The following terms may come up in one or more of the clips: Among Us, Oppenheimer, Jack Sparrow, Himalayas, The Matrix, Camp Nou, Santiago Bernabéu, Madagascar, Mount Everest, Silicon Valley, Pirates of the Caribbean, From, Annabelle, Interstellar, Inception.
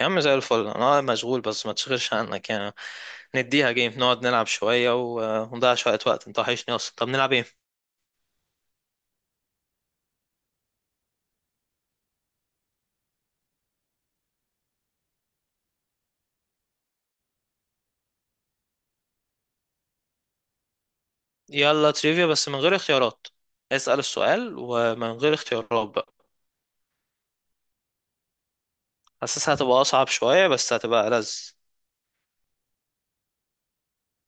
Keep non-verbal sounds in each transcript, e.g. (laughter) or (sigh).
يا عم زي الفل، انا مشغول بس ما تشغلش عنك يعني. نديها جيم نقعد نلعب شوية ونضيع شوية وقت، انت وحشني اصلا. طب نلعب ايه؟ يلا تريفيا بس من غير اختيارات. اسأل السؤال ومن غير اختيارات بقى. حاسسها هتبقى اصعب شوية بس هتبقى ألذ.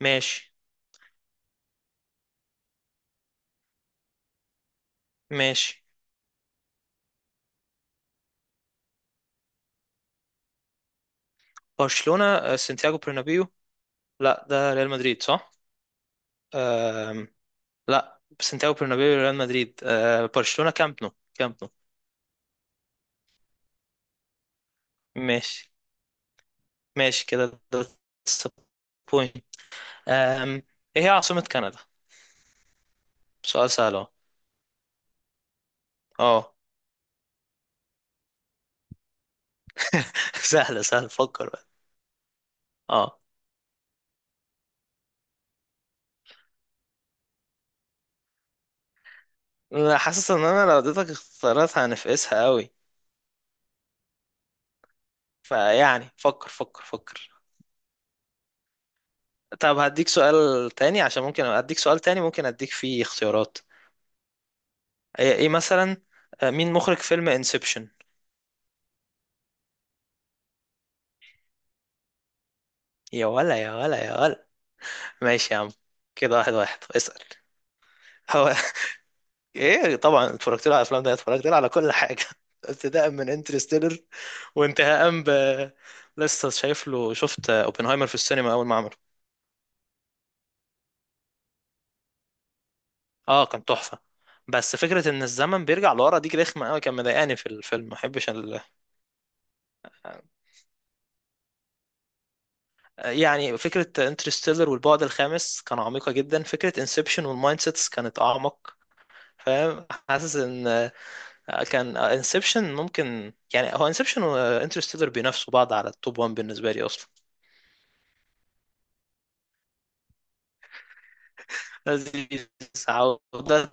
ماشي. ماشي. برشلونة، سانتياغو برنابيو. لا ده ريال مدريد صح. أم... لا سانتياغو برنابيو ريال مدريد، أه برشلونة كامب نو، كامب نو. ماشي. ماشي كده. ده أم... ايه هي عاصمة كندا؟ سؤال سهل اهو. اه. (laughs) سهل سهل، فكر بقى. اه. أنا حاسس ان انا لو اديتك اختيارات هنفقسها قوي. فيعني فكر. طب هديك سؤال تاني، عشان ممكن اديك سؤال تاني ممكن اديك فيه اختيارات. ايه، مثلا مين مخرج فيلم انسبشن؟ يا ولا يا ولا يا ولا. ماشي يا عم. كده واحد واحد اسأل. هو (laughs) ايه طبعا اتفرجت له على الافلام ده، اتفرجت له على كل حاجه (laughs) ابتداء من انترستيلر وانتهاء ب… لسه شايف له، شفت اوبنهايمر في السينما اول ما عمله. اه كان تحفه. بس فكره ان الزمن بيرجع لورا دي رخمه قوي، كان مضايقاني في الفيلم، ما بحبش ال... يعني فكره انترستيلر والبعد الخامس كان عميقه جدا، فكره انسبشن والمايند سيتس كانت اعمق. فاهم؟ حاسس ان كان انسبشن ممكن، يعني هو انسبشن وانترستيلر بينافسوا بعض على التوب 1 بالنسبه لي اصلا. لذيذ. عودة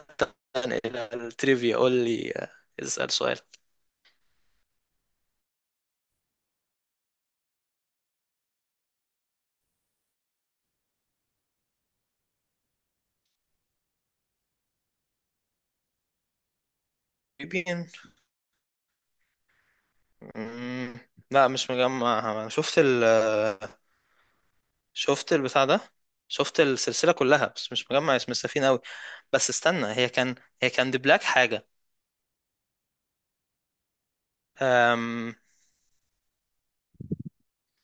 إلى التريفيا. قول لي اسأل سؤال. بين. مم، لا مش مجمع، شفت ال… شفت البتاع ده، شفت السلسلة كلها بس مش مجمع اسم السفينة أوي. بس استنى، هي كان، هي كان دي بلاك حاجة. أم...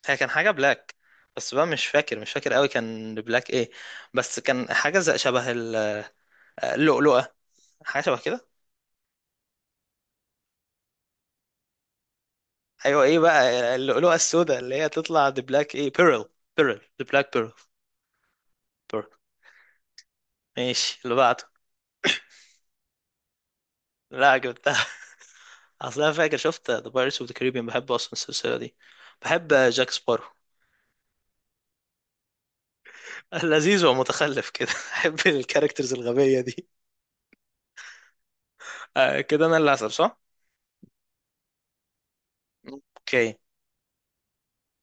هي كان حاجة بلاك، بس بقى مش فاكر قوي كان دي بلاك ايه، بس كان حاجة زي شبه اللؤلؤة، حاجة شبه كده. ايوه، ايه بقى، اللؤلؤه السوداء اللي هي تطلع ذا بلاك ايه، بيرل، بيرل، ذا بلاك بيرل، بيرل. ماشي، اللي بعده. لا جبتها. (laughs) اصل انا فاكر، شفت ذا بايرتس اوف ذا كاريبيان، بحب اصلا السلسله دي. بحب جاك سبارو. (laughs) لذيذ ومتخلف كده، (laughs) بحب الكاركترز الغبيه دي. (laughs) آه كده انا اللي هسأل صح. اوكي.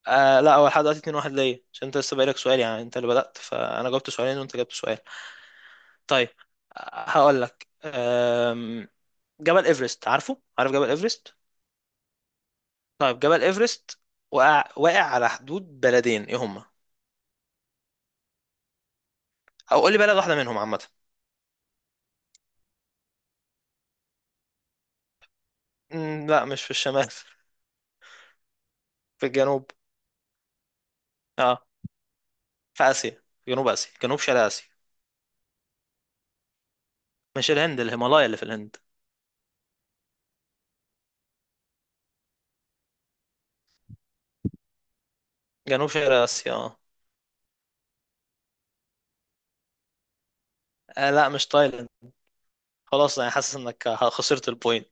آه لا، هو لحد دلوقتي 2 1 ليا، عشان انت لسه بقالك سؤال يعني، انت اللي بدأت فانا جاوبت سؤالين وانت جاوبت سؤال. طيب هقول لك، جبل ايفرست، عارف جبل ايفرست؟ طيب جبل ايفرست واقع على حدود بلدين، ايه هما؟ او قول لي بلد واحده منهم عامه. لا مش في الشمال. (laughs) في الجنوب، اه، في اسيا، في جنوب اسيا، جنوب شرق اسيا. مش الهند، الهيمالايا اللي في الهند. جنوب شرق اسيا، اه. لا مش تايلاند. خلاص انا حاسس انك خسرت البوينت.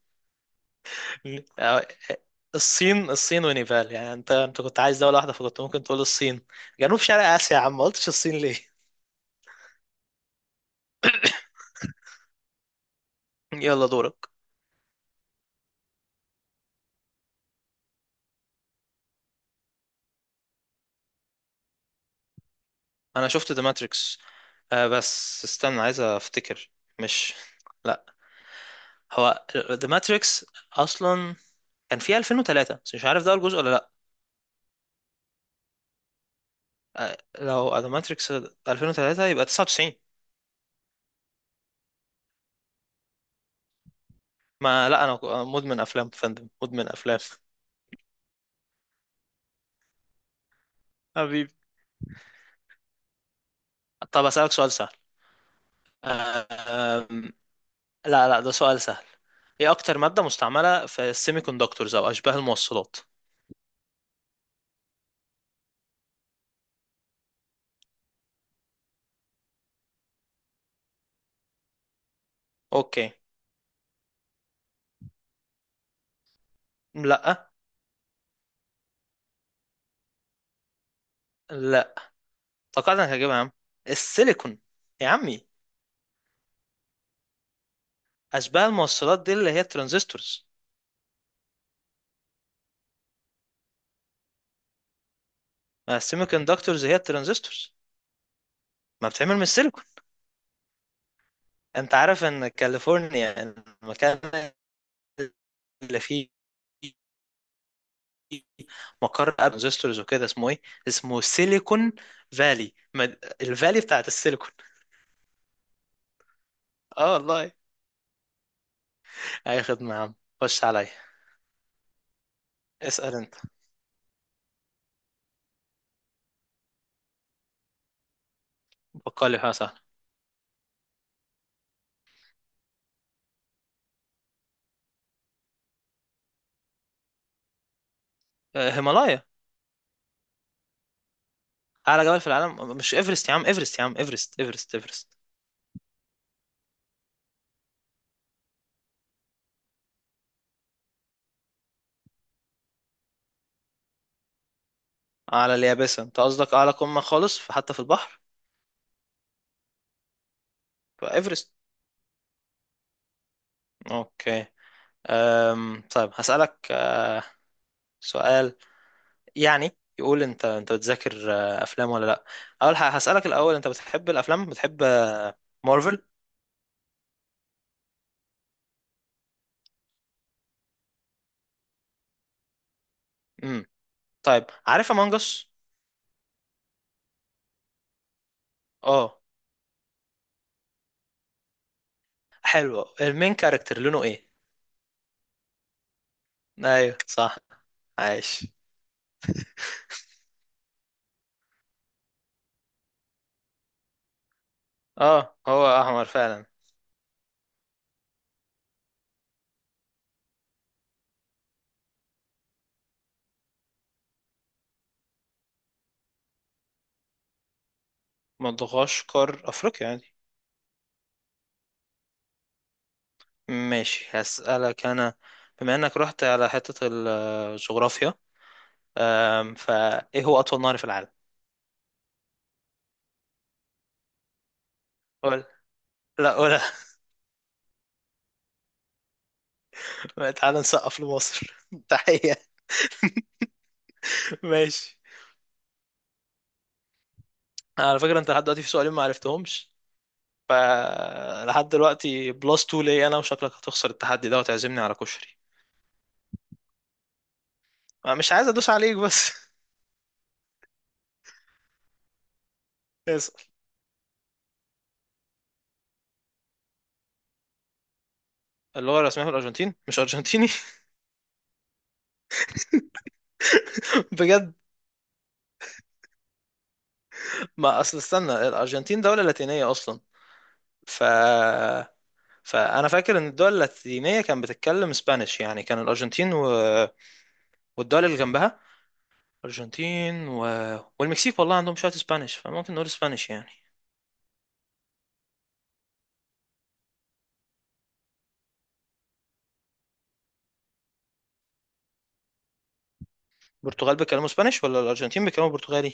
(laughs) آه، الصين، الصين ونيبال، يعني انت كنت عايز دوله واحده فكنت ممكن تقول الصين. جنوب شرق اسيا يا عم، ما قلتش الصين ليه؟ (laughs) يلا دورك. انا شفت ذا ماتريكس. آه بس استنى عايز افتكر. مش، لا، هو ذا ماتريكس اصلا كان في 2003 بس مش عارف ده أول جزء ولا لا. آه لو ذا ماتريكس 2003 يبقى 99. ما لا انا مدمن افلام، فندم، مدمن افلام. حبيبي. طب اسالك سؤال سهل. آه، لا لا ده سؤال سهل. ايه اكتر مادة مستعملة في السيمي كوندكتورز او اشباه الموصلات؟ اوكي. لا. لا. توقعت انك هجيبها يا عم. السيليكون يا عمي. اشباه الموصلات دي اللي هي الترانزستورز. ما السيمي كوندكتورز هي الترانزستورز، ما بتعمل من السيليكون. انت عارف ان كاليفورنيا، المكان اللي فيه مقر ترانزستورز وكده، اسمه ايه؟ اسمه سيليكون فالي، الفالي بتاعت السيليكون. اه والله. اي خدمه يا عم، خش عليا. اسال انت. بقالي حاجه سهله. هيمالايا. اعلى جبل في العالم مش ايفرست يا عم؟ ايفرست يا عم، ايفرست، ايفرست، ايفرست. اعلى اليابسه انت قصدك، اعلى قمه خالص في- حتى في البحر؟ فايفرست. اوكي. طيب هسألك سؤال يعني يقول، انت بتذاكر افلام ولا لا؟ اول حاجة هسألك الاول، انت بتحب الافلام، بتحب مارفل؟ امم. طيب عارف امong اس؟ اه. حلو، المين كاركتر لونه ايه؟ ايوه صح. عايش. اه هو احمر فعلا. مدغشقر افريقيا يعني. ماشي هسألك انا، بما انك رحت على حتة الجغرافيا، هو اطول نهر في العالم؟ قول. لا قول. تعال نسقف لمصر. (laughs) تحية. ماشي. على فكرة انت لحد دلوقتي في سؤالين ما عرفتهمش، فلحد دلوقتي بلس 2 ليا انا، وشكلك هتخسر التحدي ده وتعزمني على كشري. انا مش عايز ادوس عليك بس. (laughs) اسأل. اللغة الرسمية في الأرجنتين مش أرجنتيني؟ (laughs) بجد. ما أصل استنى، الأرجنتين دولة لاتينية أصلا، ف، فأنا فاكر إن الدول اللاتينية كانت بتتكلم اسبانيش، يعني كان الأرجنتين و... والدول اللي جنبها، الأرجنتين و... والمكسيك، والله عندهم شوية اسبانيش، فممكن نقول اسبانيش يعني. البرتغال بيتكلموا اسبانيش ولا الارجنتين بيتكلموا برتغالي؟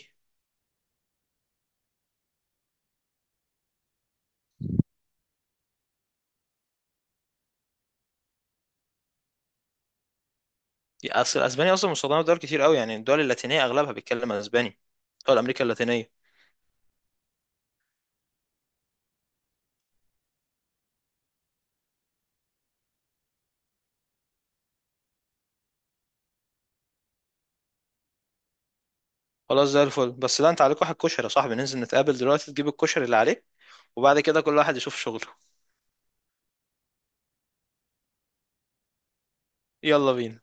اصل الاسباني اصلا مستخدمه في دول كتير قوي، يعني الدول اللاتينيه اغلبها بيتكلم اسباني. دول امريكا اللاتينيه. خلاص زي الفل، بس لا انت عليك واحد كشري يا صاحبي، ننزل نتقابل دلوقتي تجيب الكشري اللي عليك، وبعد كده كل واحد يشوف شغله. يلا بينا.